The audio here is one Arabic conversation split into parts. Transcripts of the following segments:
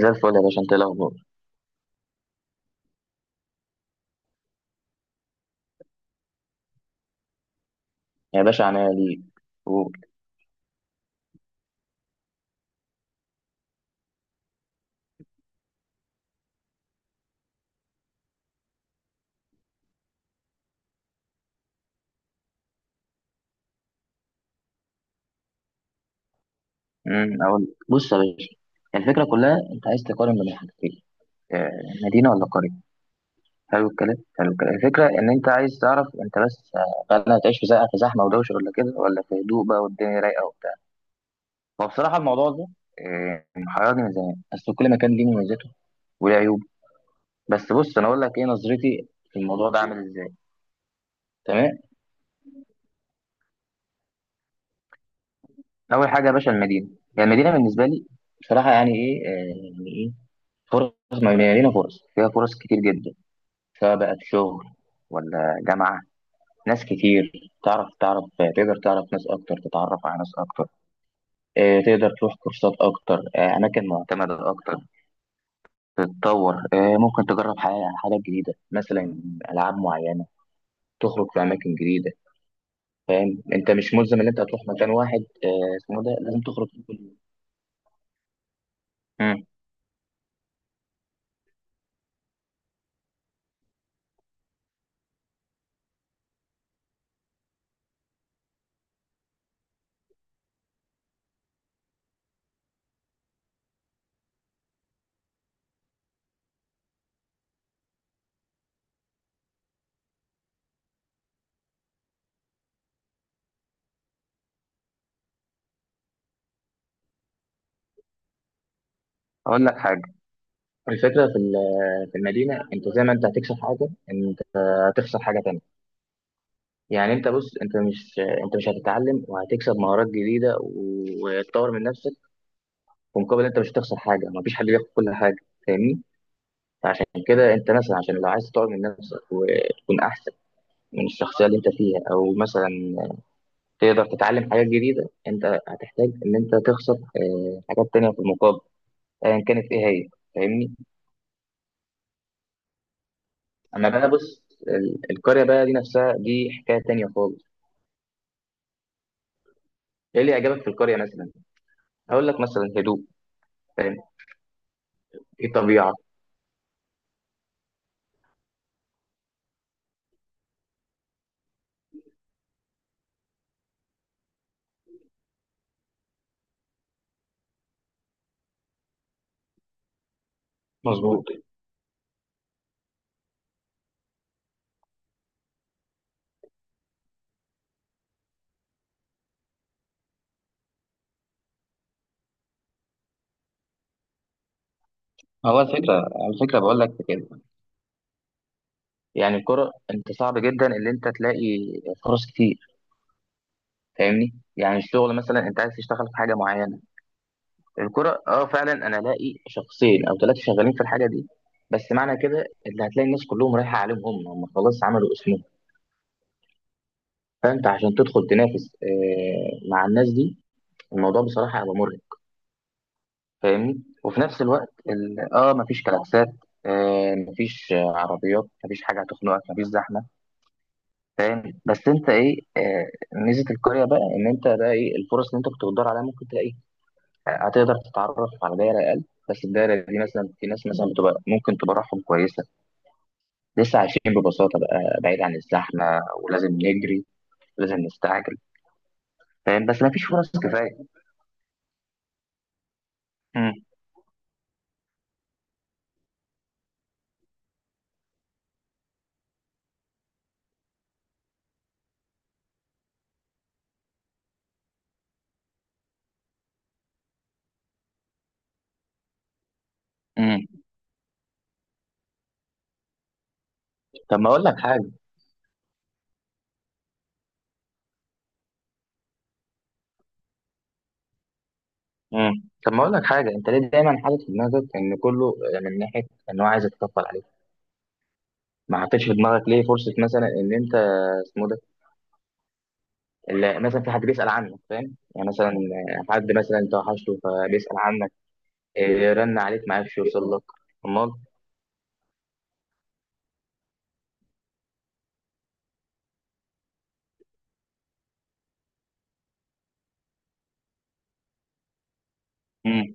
زي الفل يا باشا، انت ايه الاخبار؟ يا باشا عناية ليك. و- اقول لك. بص يا باشا، الفكره كلها انت عايز تقارن بين حاجتين. آه، مدينه ولا قريه؟ حلو الكلام، حلو الكلام. الفكره ان انت عايز تعرف انت بس هل هتعيش في في زحمه ودوشه ولا كده، ولا في هدوء بقى والدنيا رايقه وبتاع. وبصراحه الموضوع ده محيرني من زمان، بس كل مكان ليه مميزاته وليه عيوبه. بس بص، انا اقول لك ايه نظرتي في الموضوع ده عامل ازاي. تمام. اول حاجه يا باشا، المدينه، يعني المدينه بالنسبه لي بصراحه يعني ايه، يعني ايه؟ فرص مبنية لينا، فرص فيها، فرص كتير جدا، سواء بقى في شغل ولا جامعة. ناس كتير، تعرف تعرف تقدر تعرف ناس أكتر، تتعرف على ناس أكتر. تقدر تروح كورسات أكتر، أماكن معتمدة أكتر، تتطور. ممكن تجرب حاجات جديدة، مثلا ألعاب معينة، تخرج في أماكن جديدة. فاهم؟ أنت مش ملزم إن أنت هتروح مكان واحد اسمه ده لازم تخرج كل يوم. مم. أقول لك حاجة، الفكرة في في المدينة، أنت زي ما أنت هتكسب حاجة، أنت هتخسر حاجة تانية. يعني انت بص، انت مش هتتعلم وهتكسب مهارات جديده وتطور من نفسك ومقابل انت مش هتخسر حاجه. مفيش حد بياخد كل حاجه، فاهمني؟ فعشان كده انت مثلا، عشان لو عايز تطور من نفسك وتكون احسن من الشخصيه اللي انت فيها، او مثلا تقدر تتعلم حاجات جديده، انت هتحتاج ان انت تخسر حاجات تانية في المقابل، ايا كانت ايه هي. فاهمني؟ اما بقى بص، القريه بقى دي نفسها دي حكايه تانية خالص. ايه اللي عجبك في القريه مثلا؟ هقول لك مثلا هدوء، فاهم؟ في طبيعه. مظبوط. هو الفكرة على فكرة بقول لك في كده، يعني الكرة انت صعب جدا ان انت تلاقي فرص كتير. فاهمني؟ يعني الشغل مثلا، انت عايز تشتغل في حاجة معينة، الكرة اه، فعلا انا الاقي شخصين او ثلاثة شغالين في الحاجة دي. بس معنى كده اللي هتلاقي الناس كلهم رايحة عليهم، هم هم خلاص عملوا اسمهم. فانت عشان تدخل تنافس مع الناس دي، الموضوع بصراحة هيبقى مرهق. فاهمني؟ وفي نفس الوقت مفيش كلاكسات، مفيش عربيات، مفيش حاجة هتخنقك، مفيش زحمة. فاهم؟ بس انت ايه، ميزه القريه بقى، ان انت بقى ايه الفرص اللي انت كنت بتدور عليها ممكن تلاقي. هتقدر تتعرف على دايره اقل، بس الدايره دي مثلا في ناس مثلا بتبقى ممكن تبرحهم كويسه، لسه عايشين ببساطه بقى، بعيد عن الزحمه ولازم نجري ولازم نستعجل. فاهم؟ بس ما فيش فرص كفايه. مم. مم. طب ما اقول لك حاجه مم. طب ما اقول لك حاجه، انت ليه دايما حاطط في دماغك ان كله من ناحيه ان هو عايز يتكفل عليك؟ ما حطيتش في دماغك ليه فرصه مثلا ان انت اسمه ده، اللي مثلا في حد بيسأل عنك، فاهم؟ يعني مثلا حد مثلا انت وحشته فبيسأل عنك، رن عليك ما عرفش يوصل لك. امال. امم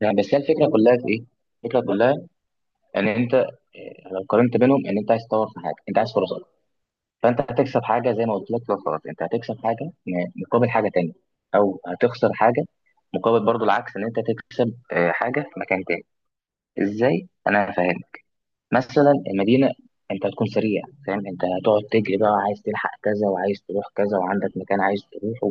يعني بس هي الفكره كلها في ايه، الفكره كلها ان انت لو قارنت بينهم، ان انت عايز تطور في حاجه، انت عايز فرص اكتر. فانت هتكسب حاجه زي ما قلت لك، لو فرص انت هتكسب حاجه مقابل حاجه تانية، او هتخسر حاجه مقابل، برضو العكس ان انت تكسب حاجه في مكان تاني. ازاي؟ انا فاهم. مثلا المدينه، انت هتكون سريع، فاهم؟ انت هتقعد تجري بقى، عايز تلحق كذا، وعايز تروح كذا، وعندك مكان عايز تروحه،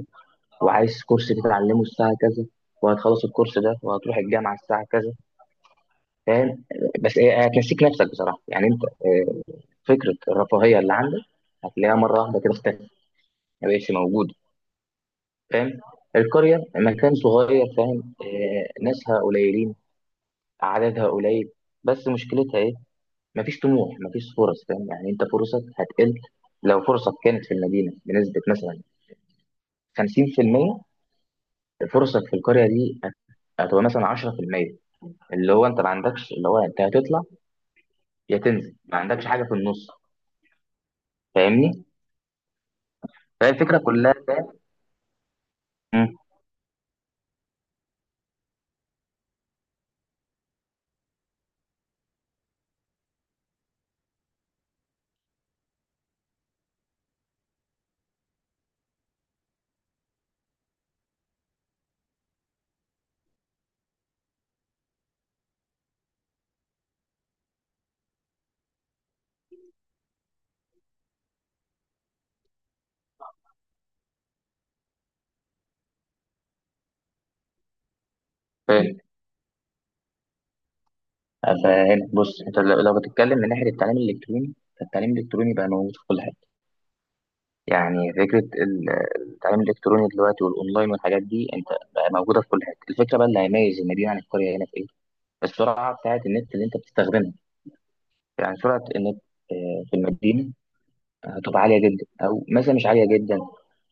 وعايز كورس تتعلمه الساعه كذا، وهتخلص الكورس ده وهتروح الجامعه الساعه كذا. فاهم؟ بس هي هتنسيك نفسك بصراحه، يعني انت فكره الرفاهيه اللي عندك هتلاقيها مره واحده كده اختفت، ما بقتش موجوده. فاهم؟ القريه مكان صغير، فاهم؟ ناسها قليلين، عددها قليل. بس مشكلتها ايه؟ مفيش طموح، مفيش فرص. فاهم؟ يعني انت فرصك هتقل، لو فرصك كانت في المدينه بنسبه مثلا 50%، فرصك في القريه دي هتبقى مثلا 10%. اللي هو انت ما عندكش، اللي هو انت هتطلع يا تنزل، ما عندكش حاجه في النص. فاهمني؟ فهي الفكره كلها، فاهم؟ مم، فاهم؟ فهنا بص، انت لو بتتكلم من ناحيه التعليم الالكتروني، فالتعليم الالكتروني بقى موجود في كل حته. يعني فكره التعليم الالكتروني دلوقتي والاونلاين والحاجات دي انت، بقى موجوده في كل حته. الفكره بقى اللي هيميز المدينه عن القريه هنا في ايه؟ السرعه بتاعت النت اللي انت بتستخدمها. يعني سرعه النت في المدينه هتبقى عاليه جدا، او مثلا مش عاليه جدا.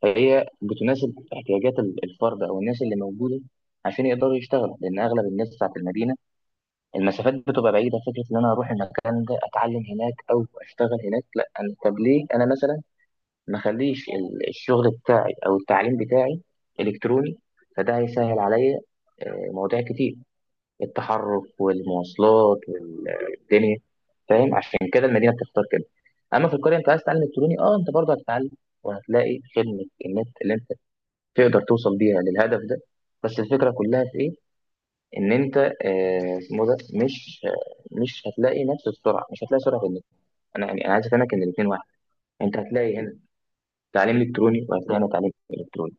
فهي بتناسب احتياجات الفرد او الناس اللي موجوده عشان يقدروا يشتغلوا، لان اغلب الناس بتاعت المدينه المسافات بتبقى بعيده. فكره ان انا اروح المكان ده اتعلم هناك او اشتغل هناك، لا أنا- طب ليه انا مثلا ما اخليش الشغل بتاعي او التعليم بتاعي الكتروني؟ فده هيسهل عليا مواضيع كتير، التحرك والمواصلات والدنيا. فاهم؟ عشان كده المدينه بتختار كده. اما في القريه، انت عايز تتعلم الكتروني، انت برضه هتتعلم، وهتلاقي خدمه النت اللي انت تقدر توصل بيها للهدف ده. بس الفكره كلها في ايه، ان انت اسمه ده مش هتلاقي نفس السرعه، مش هتلاقي سرعه في النت. انا يعني، انا عايز افهمك ان الاثنين واحد. انت هتلاقي هنا تعليم الكتروني، وهتلاقي هنا تعليم الكتروني.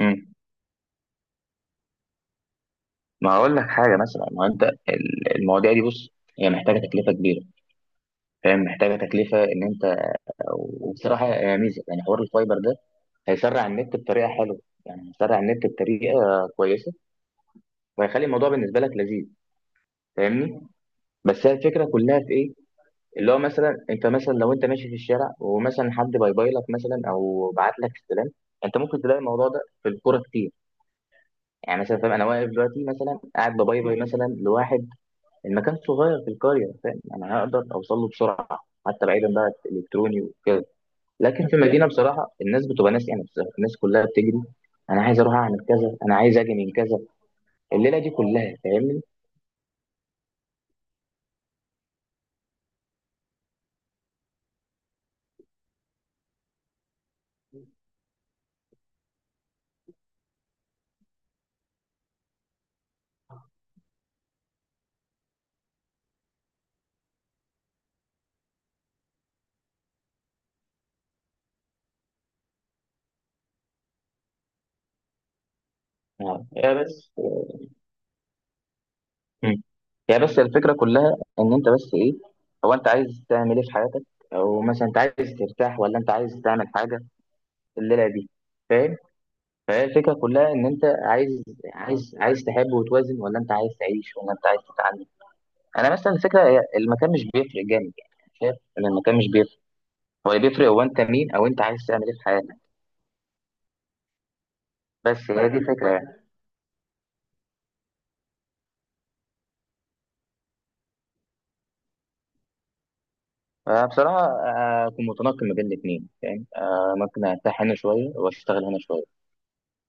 امم ما هقول لك حاجه مثلا، ما هو انت المواضيع دي بص، هي محتاجه تكلفه كبيره، فاهم؟ محتاجه تكلفه ان انت، وبصراحه يا ميزه، يعني حوار الفايبر ده هيسرع النت بطريقه حلوه، يعني هيسرع النت بطريقه كويسه، وهيخلي الموضوع بالنسبه لك لذيذ. فاهمني؟ بس هي الفكره كلها في ايه، اللي هو مثلا انت، مثلا لو انت ماشي في الشارع ومثلا حد باي باي لك مثلا، او بعت لك استلام، انت ممكن تلاقي الموضوع ده في الكوره كتير. يعني مثلا، فاهم؟ انا واقف دلوقتي مثلا، قاعد بباي باي مثلا لواحد، المكان صغير في القريه، فاهم؟ انا هقدر اوصل له بسرعه، حتى بعيدا بقى الكتروني وكده. لكن في المدينه بصراحه الناس بتبقى ناس يعني، بصراحة الناس كلها بتجري. انا عايز اروح اعمل كذا، انا عايز اجي من كذا، الليله دي كلها. فاهمني؟ آه. هي بس مم. هي بس الفكره كلها ان انت بس ايه، هو انت عايز تعمل ايه في حياتك، او مثلا انت عايز ترتاح، ولا انت عايز تعمل حاجه الليله دي. فاهم؟ فهي الفكره كلها ان انت عايز تحب وتوازن، ولا انت عايز تعيش، ولا انت عايز تتعلم. انا مثلا الفكره هي المكان مش بيفرق جامد، يعني شايف ان المكان مش بيفرق. هو اللي بيفرق هو انت مين، او انت عايز تعمل ايه في حياتك. بس هي دي الفكره يعني. بصراحه اكون متنقل ما بين الاثنين، فاهم؟ ممكن ارتاح هنا شويه، واشتغل هنا شويه.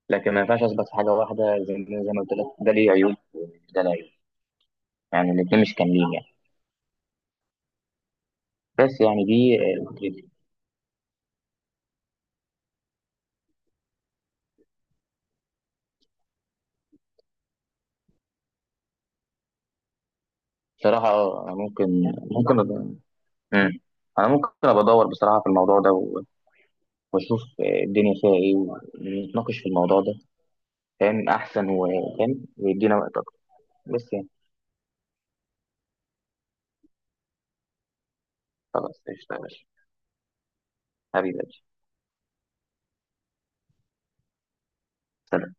لكن ما ينفعش اثبت في حاجه واحده، زي ما قلت لك، ده ليه عيوب وده ليه عيوب. يعني الاثنين مش كاملين يعني. بس يعني دي فكرتي. بصراحه انا ممكن، ممكن أبقى- مم. انا ممكن ابقى ادور بصراحه في الموضوع ده واشوف الدنيا فيها ايه، ونتناقش في الموضوع ده. فاهم احسن، وفاهم ويدينا وقت اكتر. بس يعني، خلاص، اشتغل حبيبي. سلام.